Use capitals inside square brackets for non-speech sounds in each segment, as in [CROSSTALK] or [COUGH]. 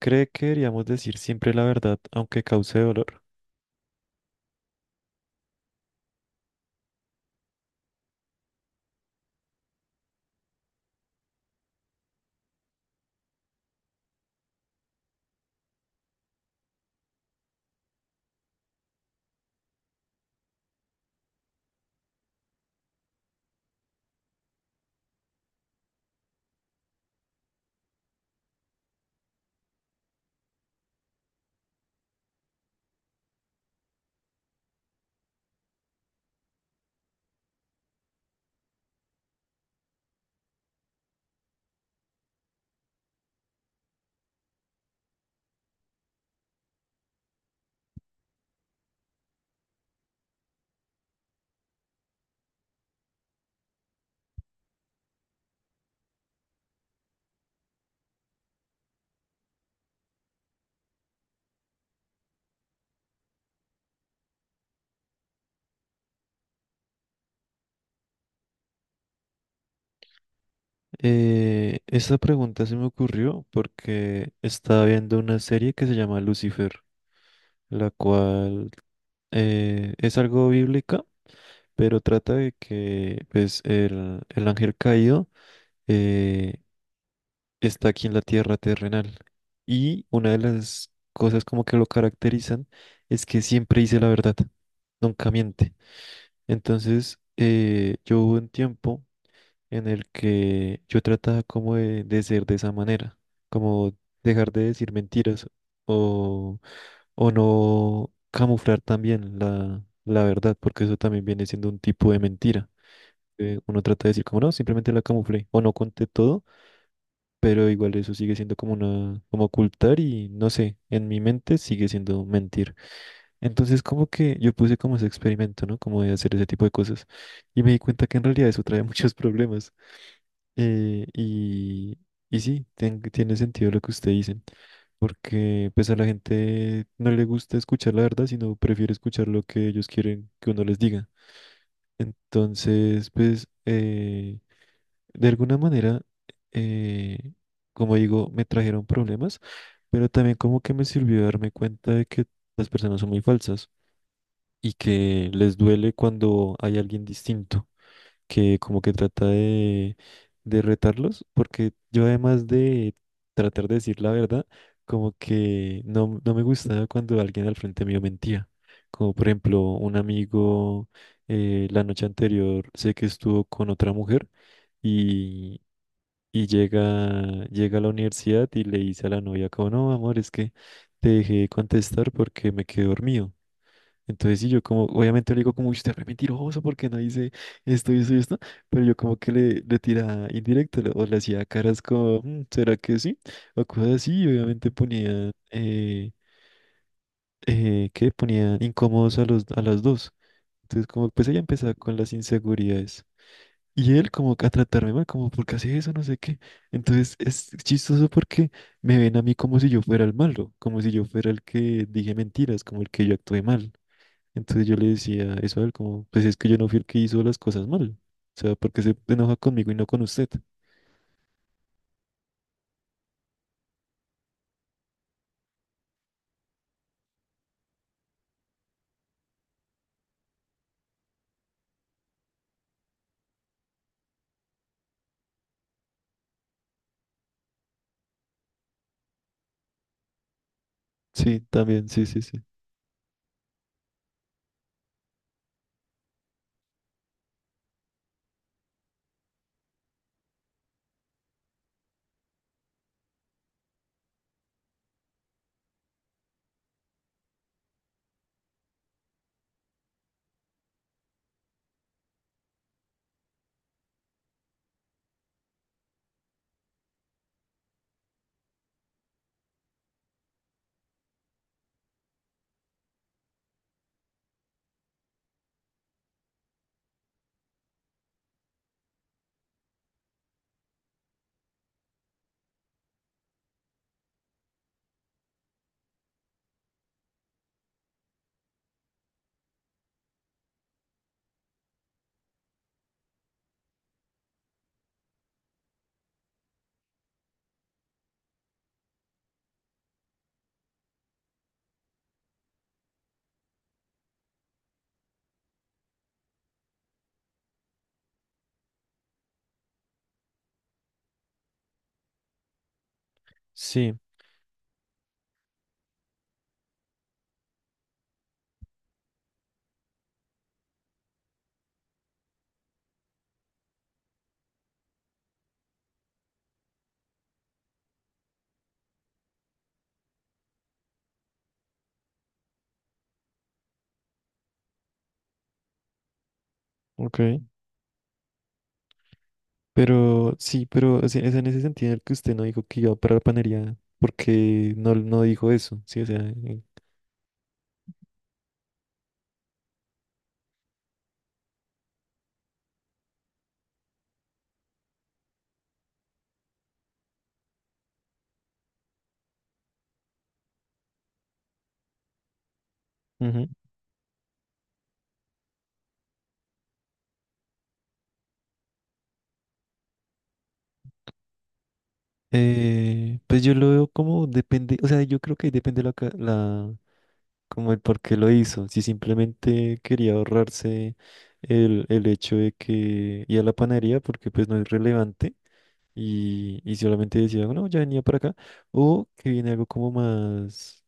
¿Cree que deberíamos decir siempre la verdad, aunque cause dolor? Esta pregunta se me ocurrió porque estaba viendo una serie que se llama Lucifer, la cual es algo bíblica, pero trata de que pues, el ángel caído eh, está aquí en la tierra terrenal. Y una de las cosas como que lo caracterizan es que siempre dice la verdad, nunca miente. Entonces, yo hubo un tiempo en el que yo trataba como de ser de esa manera, como dejar de decir mentiras o, o no camuflar también la verdad, porque eso también viene siendo un tipo de mentira. Uno trata de decir como no, simplemente la camuflé o no conté todo, pero igual eso sigue siendo como una, como ocultar y no sé, en mi mente sigue siendo mentir. Entonces como que yo puse como ese experimento, ¿no? Como de hacer ese tipo de cosas y me di cuenta que en realidad eso trae [LAUGHS] muchos problemas. Eh, y, y sí, tiene sentido lo que usted dice, porque pues a la gente no le gusta escuchar la verdad, sino prefiere escuchar lo que ellos quieren que uno les diga. Entonces, pues, de alguna manera, eh, como digo, me trajeron problemas, pero también como que me sirvió darme cuenta de que las personas son muy falsas y que les duele cuando hay alguien distinto que como que trata de retarlos, porque yo además de tratar de decir la verdad, como que no, no me gustaba cuando alguien al frente mío mentía. Como por ejemplo, un amigo la noche anterior sé que estuvo con otra mujer y, y llega, llega a la universidad y le dice a la novia como, no, amor, es que te dejé contestar porque me quedé dormido. Entonces, sí, yo como, obviamente le digo como, "Uy, usted es re mentiroso porque no dice esto y esto y esto, pero yo como que le tiraba indirecto o le hacía caras como, "Mm, ¿será que sí? O cosas así, y obviamente ponía, ¿qué? Ponía incómodos a los, a las dos. Entonces, como, pues ella empezaba con las inseguridades. Y él como que a tratarme mal, como, ¿por qué hace eso? No sé qué. Entonces, es chistoso porque me ven a mí como si yo fuera el malo, como si yo fuera el que dije mentiras, como el que yo actué mal. Entonces yo le decía eso a él como, pues es que yo no fui el que hizo las cosas mal. O sea, porque se enoja conmigo y no con usted. Sí, también, sí, sí, sí. Sí, ok. Pero sí, pero o sea, es en ese sentido en el que usted no dijo que iba para la panería, porque no, no dijo eso, sí, o sea. Eh, ujú. Pues yo lo veo como depende, o sea, yo creo que ahí depende como el por qué lo hizo. Si simplemente quería ahorrarse el hecho de que ir a la panadería, porque pues no es relevante. Y, y solamente decía, no, ya venía para acá, o que viene algo como más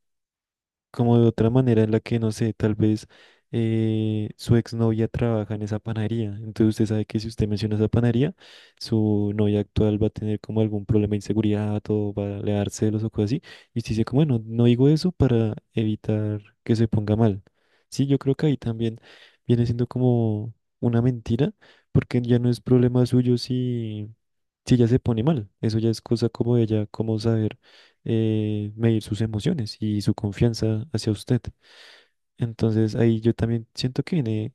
como de otra manera en la que, no sé, tal vez su exnovia trabaja en esa panadería. Entonces usted sabe que si usted menciona esa panadería, su novia actual va a tener como algún problema de inseguridad o va a le dar celos o cosas así. Y usted dice como, bueno, no digo eso para evitar que se ponga mal. Sí, yo creo que ahí también viene siendo como una mentira, porque ya no es problema suyo si, si ella se pone mal. Eso ya es cosa como de ella, como saber medir sus emociones y su confianza hacia usted. Entonces ahí yo también siento que viene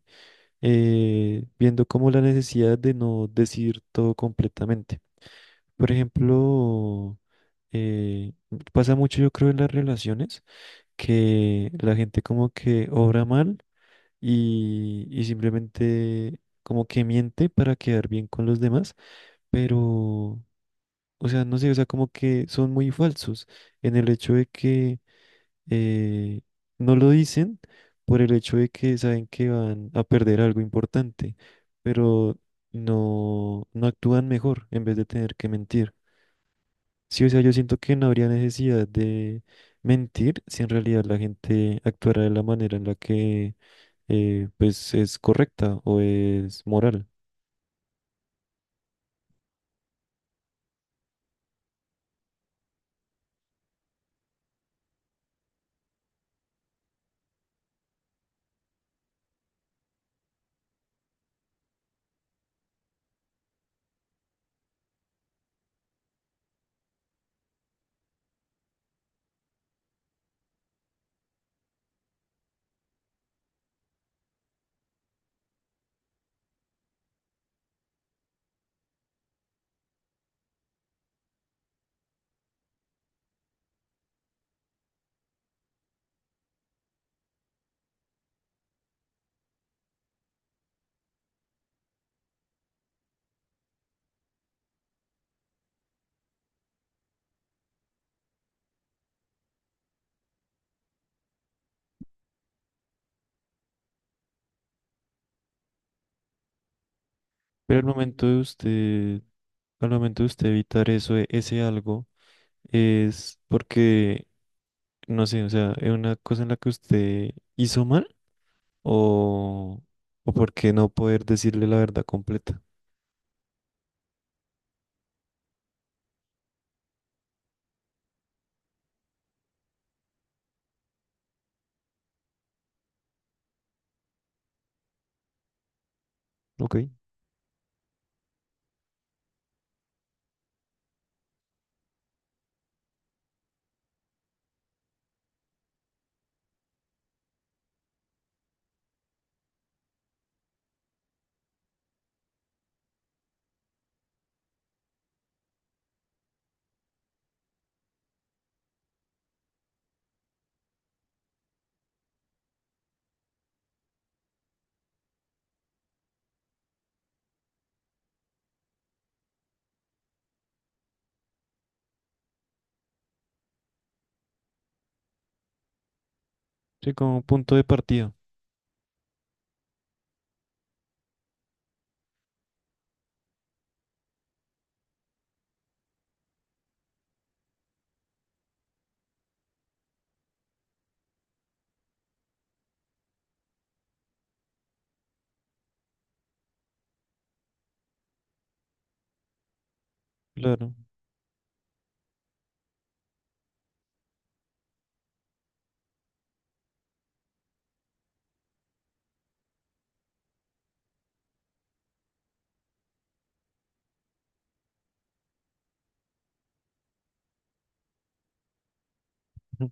viendo como la necesidad de no decir todo completamente. Por ejemplo, eh, pasa mucho yo creo en las relaciones que la gente como que obra mal y simplemente como que miente para quedar bien con los demás, pero, o sea, no sé, o sea, como que son muy falsos en el hecho de que eh, no lo dicen por el hecho de que saben que van a perder algo importante, pero no, no actúan mejor en vez de tener que mentir. Sí, o sea, yo siento que no habría necesidad de mentir si en realidad la gente actuara de la manera en la que pues es correcta o es moral. Pero al momento de usted, al momento de usted evitar eso, ese algo, es porque no sé, o sea, es una cosa en la que usted hizo mal o, o por qué no poder decirle la verdad completa. Ok, sí, como punto de partida, claro. Ujú.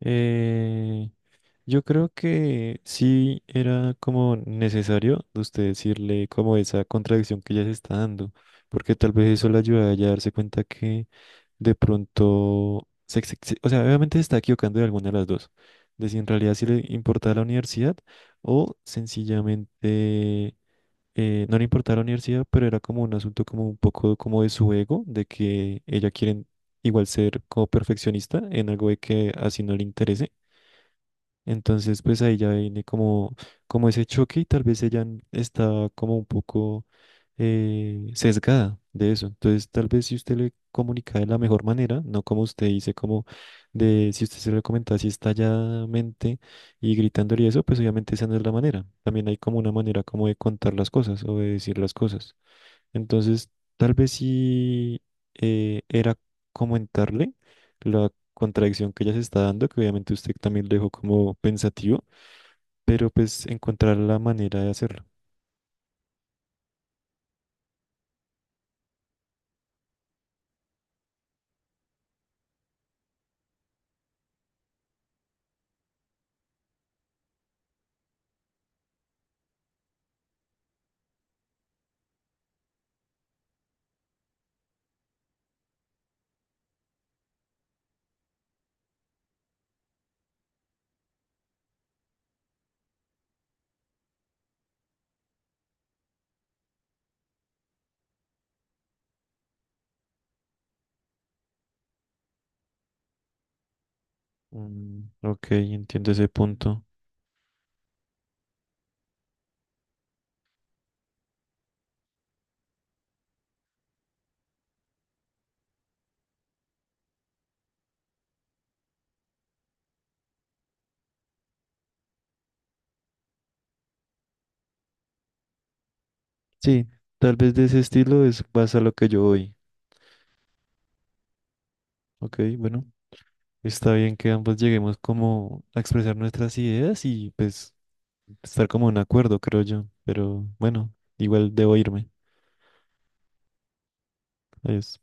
Eh, yo creo que sí era como necesario de usted decirle como esa contradicción que ella se está dando, porque tal vez eso le ayuda a ella a darse cuenta que de pronto, o sea, obviamente se está equivocando de alguna de las dos, de si en realidad sí le importaba la universidad o sencillamente no le importaba la universidad, pero era como un asunto como un poco como de su ego, de que ella quiere igual ser como perfeccionista en algo de que así no le interese. Entonces, pues ahí ya viene como, como ese choque y tal vez ella está como un poco sesgada de eso. Entonces, tal vez si usted le comunica de la mejor manera, no como usted dice, como de si usted se lo comenta así estalladamente y gritándole y eso, pues obviamente esa no es la manera. También hay como una manera como de contar las cosas o de decir las cosas. Entonces, tal vez sí era comentarle la contradicción que ella se está dando, que obviamente usted también lo dejó como pensativo, pero pues encontrar la manera de hacerlo. Mm, ok, entiendo ese punto. Sí, tal vez de ese estilo es más a lo que yo voy. Ok, bueno, está bien que ambos lleguemos como a expresar nuestras ideas y pues estar como en acuerdo, creo yo. Pero bueno, igual debo irme. Adiós.